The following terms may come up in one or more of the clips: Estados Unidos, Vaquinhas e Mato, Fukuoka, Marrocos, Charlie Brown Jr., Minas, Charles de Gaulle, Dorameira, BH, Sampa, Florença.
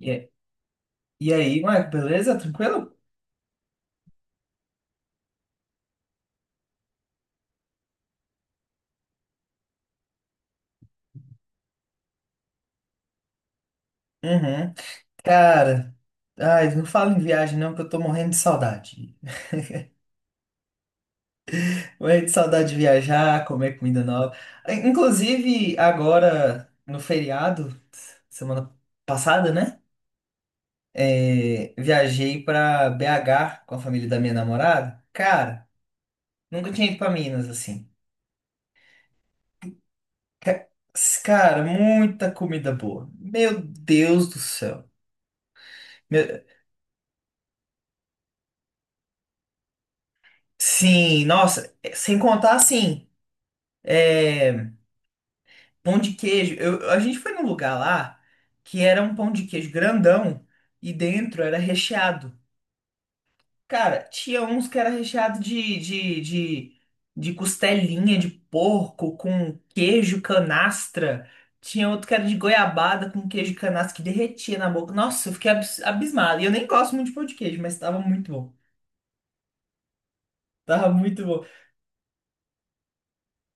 E, e aí, Marco, beleza? Tranquilo? Uhum. Cara, ai, não fala em viagem não, que eu tô morrendo de saudade. Morrendo de saudade de viajar, comer comida nova. Inclusive, agora, no feriado, semana passada, né? É, viajei pra BH com a família da minha namorada. Cara, nunca tinha ido pra Minas, assim. Ca- Cara, muita comida boa. Meu Deus do céu. Meu- Sim, nossa, sem contar assim. É, pão de queijo. A gente foi num lugar lá que era um pão de queijo grandão e dentro era recheado. Cara, tinha uns que era recheado de costelinha de porco com queijo canastra. Tinha outro que era de goiabada com queijo canastra que derretia na boca. Nossa, eu fiquei abismado. E eu nem gosto muito de pão de queijo, mas tava muito bom. Tava muito bom.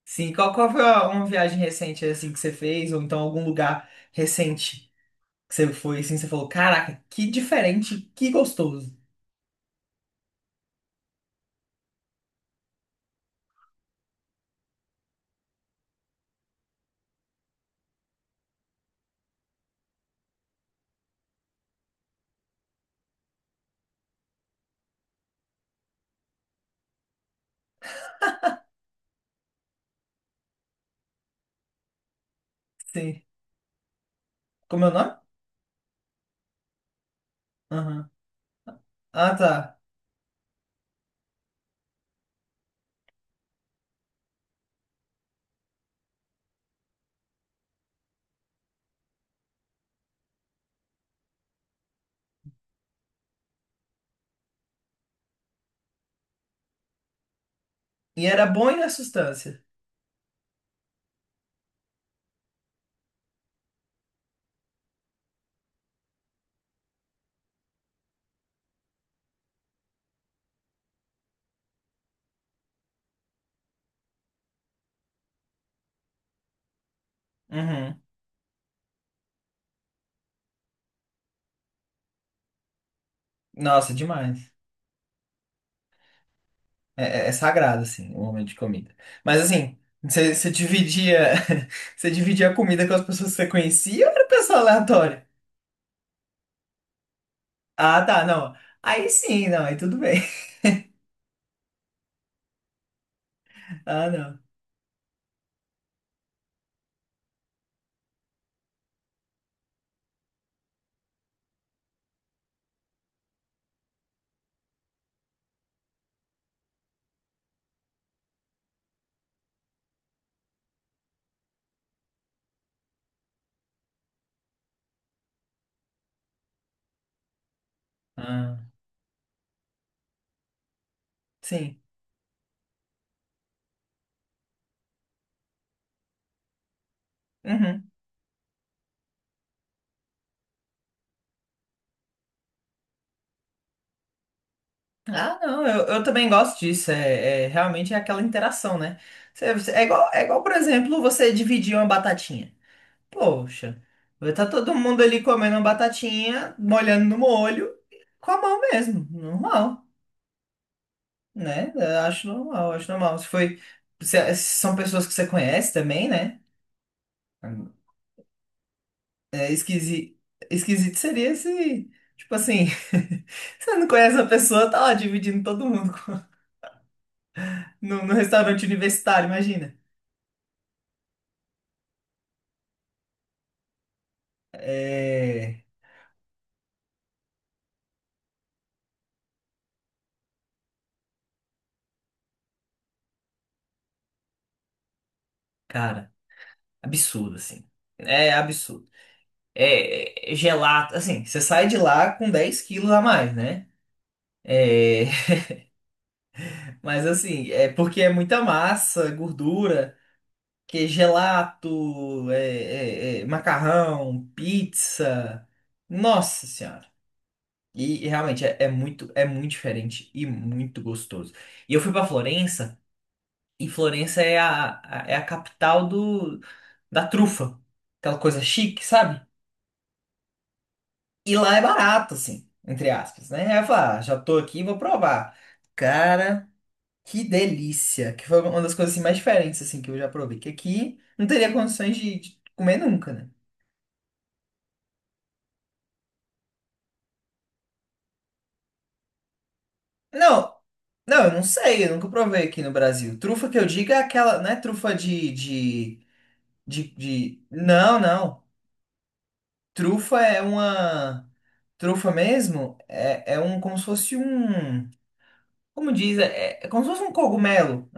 Sim, qual foi uma viagem recente assim que você fez? Ou então algum lugar recente? Que você foi assim, você falou, caraca, que diferente, que gostoso. Sim. Como é o nome? Aham. Ah, tá. E era bom e na substância. Uhum. Nossa, demais. É sagrado, assim, o momento de comida. Mas assim, você dividia, você dividia a comida com as pessoas que você conhecia ou era pessoa aleatória? Ah, tá, não. Aí sim, não, aí tudo bem. Ah, não. Ah, sim. Uhum. Ah, não, eu também gosto disso. Realmente é aquela interação, né? É igual, por exemplo, você dividir uma batatinha. Poxa, vai tá todo mundo ali comendo uma batatinha, molhando no molho, com a mão mesmo, normal, né? Eu acho normal, acho normal. Se foi, se- é, se são pessoas que você conhece também, né? É esquisito, esquisito seria se, tipo assim, você não conhece a pessoa, tá lá dividindo todo mundo no restaurante universitário, imagina. É, cara, absurdo, assim. É absurdo. É gelato, assim, você sai de lá com 10 quilos a mais, né? É, mas assim, é porque é muita massa, é gordura, que é gelato, macarrão, pizza. Nossa Senhora. E realmente é muito diferente e muito gostoso. E eu fui pra Florença, e Florença é é a capital da trufa. Aquela coisa chique, sabe? E lá é barato, assim, entre aspas, né? Aí eu falei, ah, já tô aqui, vou provar. Cara, que delícia! Que foi uma das coisas assim, mais diferentes, assim, que eu já provei. Que aqui não teria condições de comer nunca, né? Não, não, eu não sei, eu nunca provei aqui no Brasil. Trufa que eu digo é aquela, não é trufa de... Não, não. Trufa é uma... Trufa mesmo é, é um, como se fosse um... Como diz? É como se fosse um cogumelo.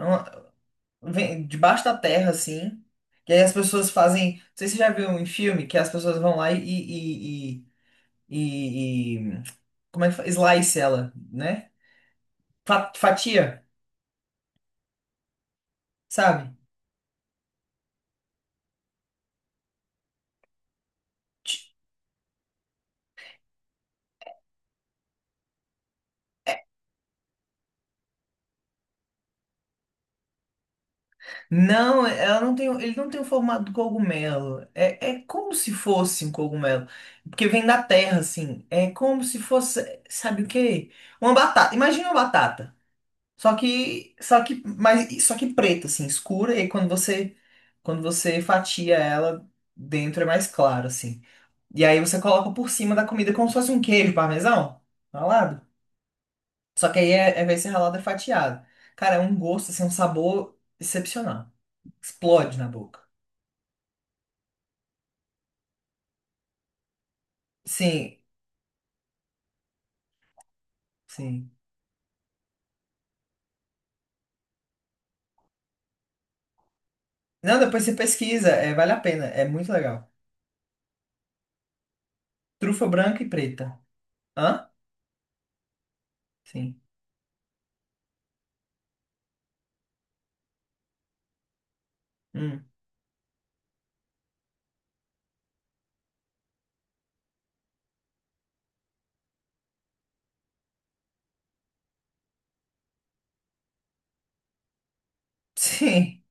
Vem debaixo da terra, assim. E aí as pessoas fazem. Não sei se você já viu em filme que as pessoas vão lá e- e- como é que fala? Slice ela, né? Fatia, sabe? Ti- Não, ela não tem, ele não tem o formato do cogumelo. É, é como se fosse um cogumelo. Porque vem da terra, assim. É como se fosse, sabe o quê? Uma batata. Imagina uma batata. Só que preta, assim, escura, e quando você fatia ela, dentro é mais claro, assim. E aí você coloca por cima da comida como se fosse um queijo parmesão, ralado. Só que aí vai ser ralado e fatiado. Cara, é um gosto, assim, um sabor excepcional. Explode na boca. Sim, sim. Não, depois você pesquisa, vale a pena, é muito legal. Trufa branca e preta. Hã? Sim. Hum. Sim,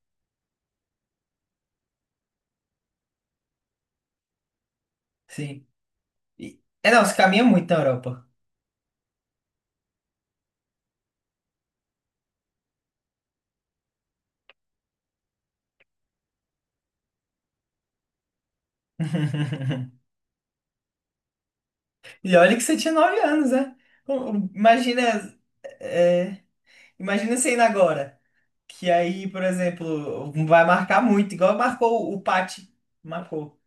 sim. Não, você caminha muito na Europa. E olha que você tinha 9 anos, né? O- o- Imagina, é, imagina você indo agora. Que aí, por exemplo, vai marcar muito, igual marcou o Pati. Marcou.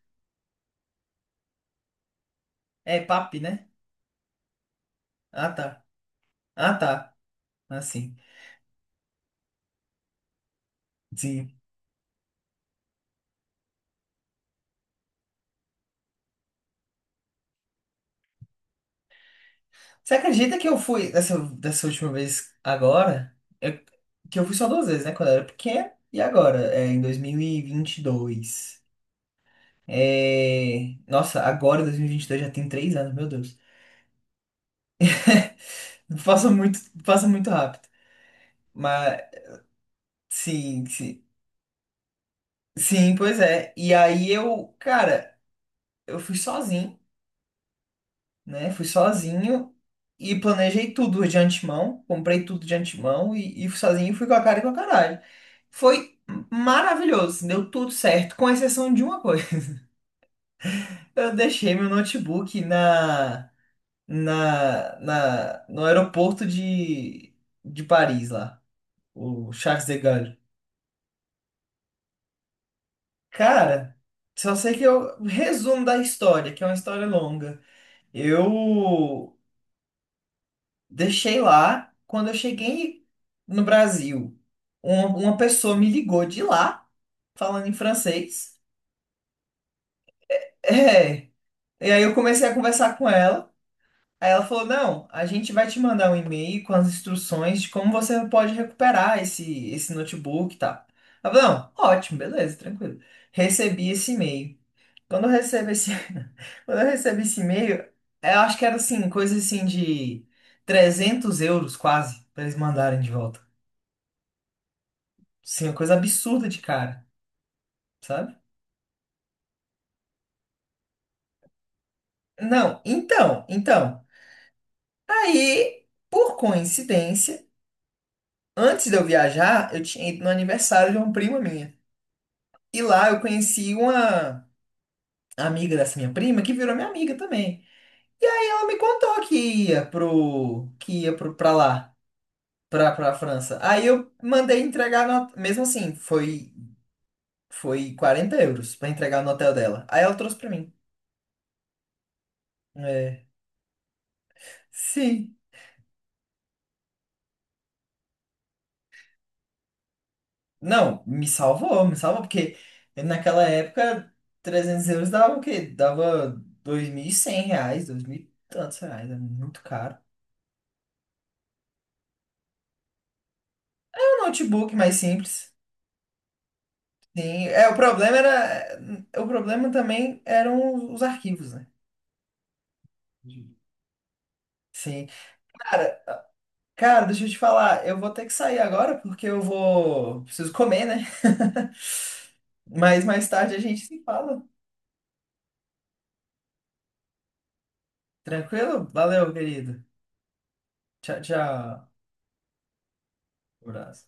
É, Papi, né? Ah, tá. Ah, tá. Assim. Sim. Você acredita que eu fui dessa última vez agora? Eu- que eu fui só duas vezes, né? Quando eu era pequeno. E agora? É, em 2022. Nossa, agora em 2022 já tem 3 anos, meu Deus. Passa muito rápido. Mas sim, sim. Sim, pois é. E aí eu, cara, eu fui sozinho, né? Fui sozinho e planejei tudo de antemão, comprei tudo de antemão e fui sozinho, fui com a cara e com a caralho. Foi maravilhoso, assim, deu tudo certo, com exceção de uma coisa. Eu deixei meu notebook no aeroporto de Paris lá, o Charles de Gaulle. Cara, só sei que eu resumo da história, que é uma história longa. Eu deixei lá, quando eu cheguei no Brasil, uma pessoa me ligou de lá, falando em francês. É, e aí eu comecei a conversar com ela. Aí ela falou: Não, a gente vai te mandar um e-mail com as instruções de como você pode recuperar esse notebook e tal. Ela falou: Não, ótimo, beleza, tranquilo. Recebi esse e-mail. Quando eu recebo esse, quando eu recebo esse e-mail, eu acho que era assim, coisa assim de 300 euros quase, pra eles mandarem de volta. Sim, uma coisa absurda de cara, sabe? Não, então. Aí, por coincidência, antes de eu viajar, eu tinha ido no aniversário de uma prima minha. E lá eu conheci uma amiga dessa minha prima que virou minha amiga também. E aí ela me contou que ia pro, pra lá. Pra França. Aí eu mandei entregar, no, mesmo assim, foi 40 euros pra entregar no hotel dela. Aí ela trouxe pra mim. É, sim. Não, me salvou, porque naquela época 300 euros dava o quê? Dava 2.100 reais, 2.000 e tantos reais, era muito caro. É, um notebook mais simples. Sim, o problema era, o problema também eram os arquivos, né? Sim. Cara, deixa eu te falar, eu vou ter que sair agora porque eu vou. Preciso comer, né? Mas mais tarde a gente se fala. Tranquilo? Valeu, querido. Tchau, tchau. Um abraço.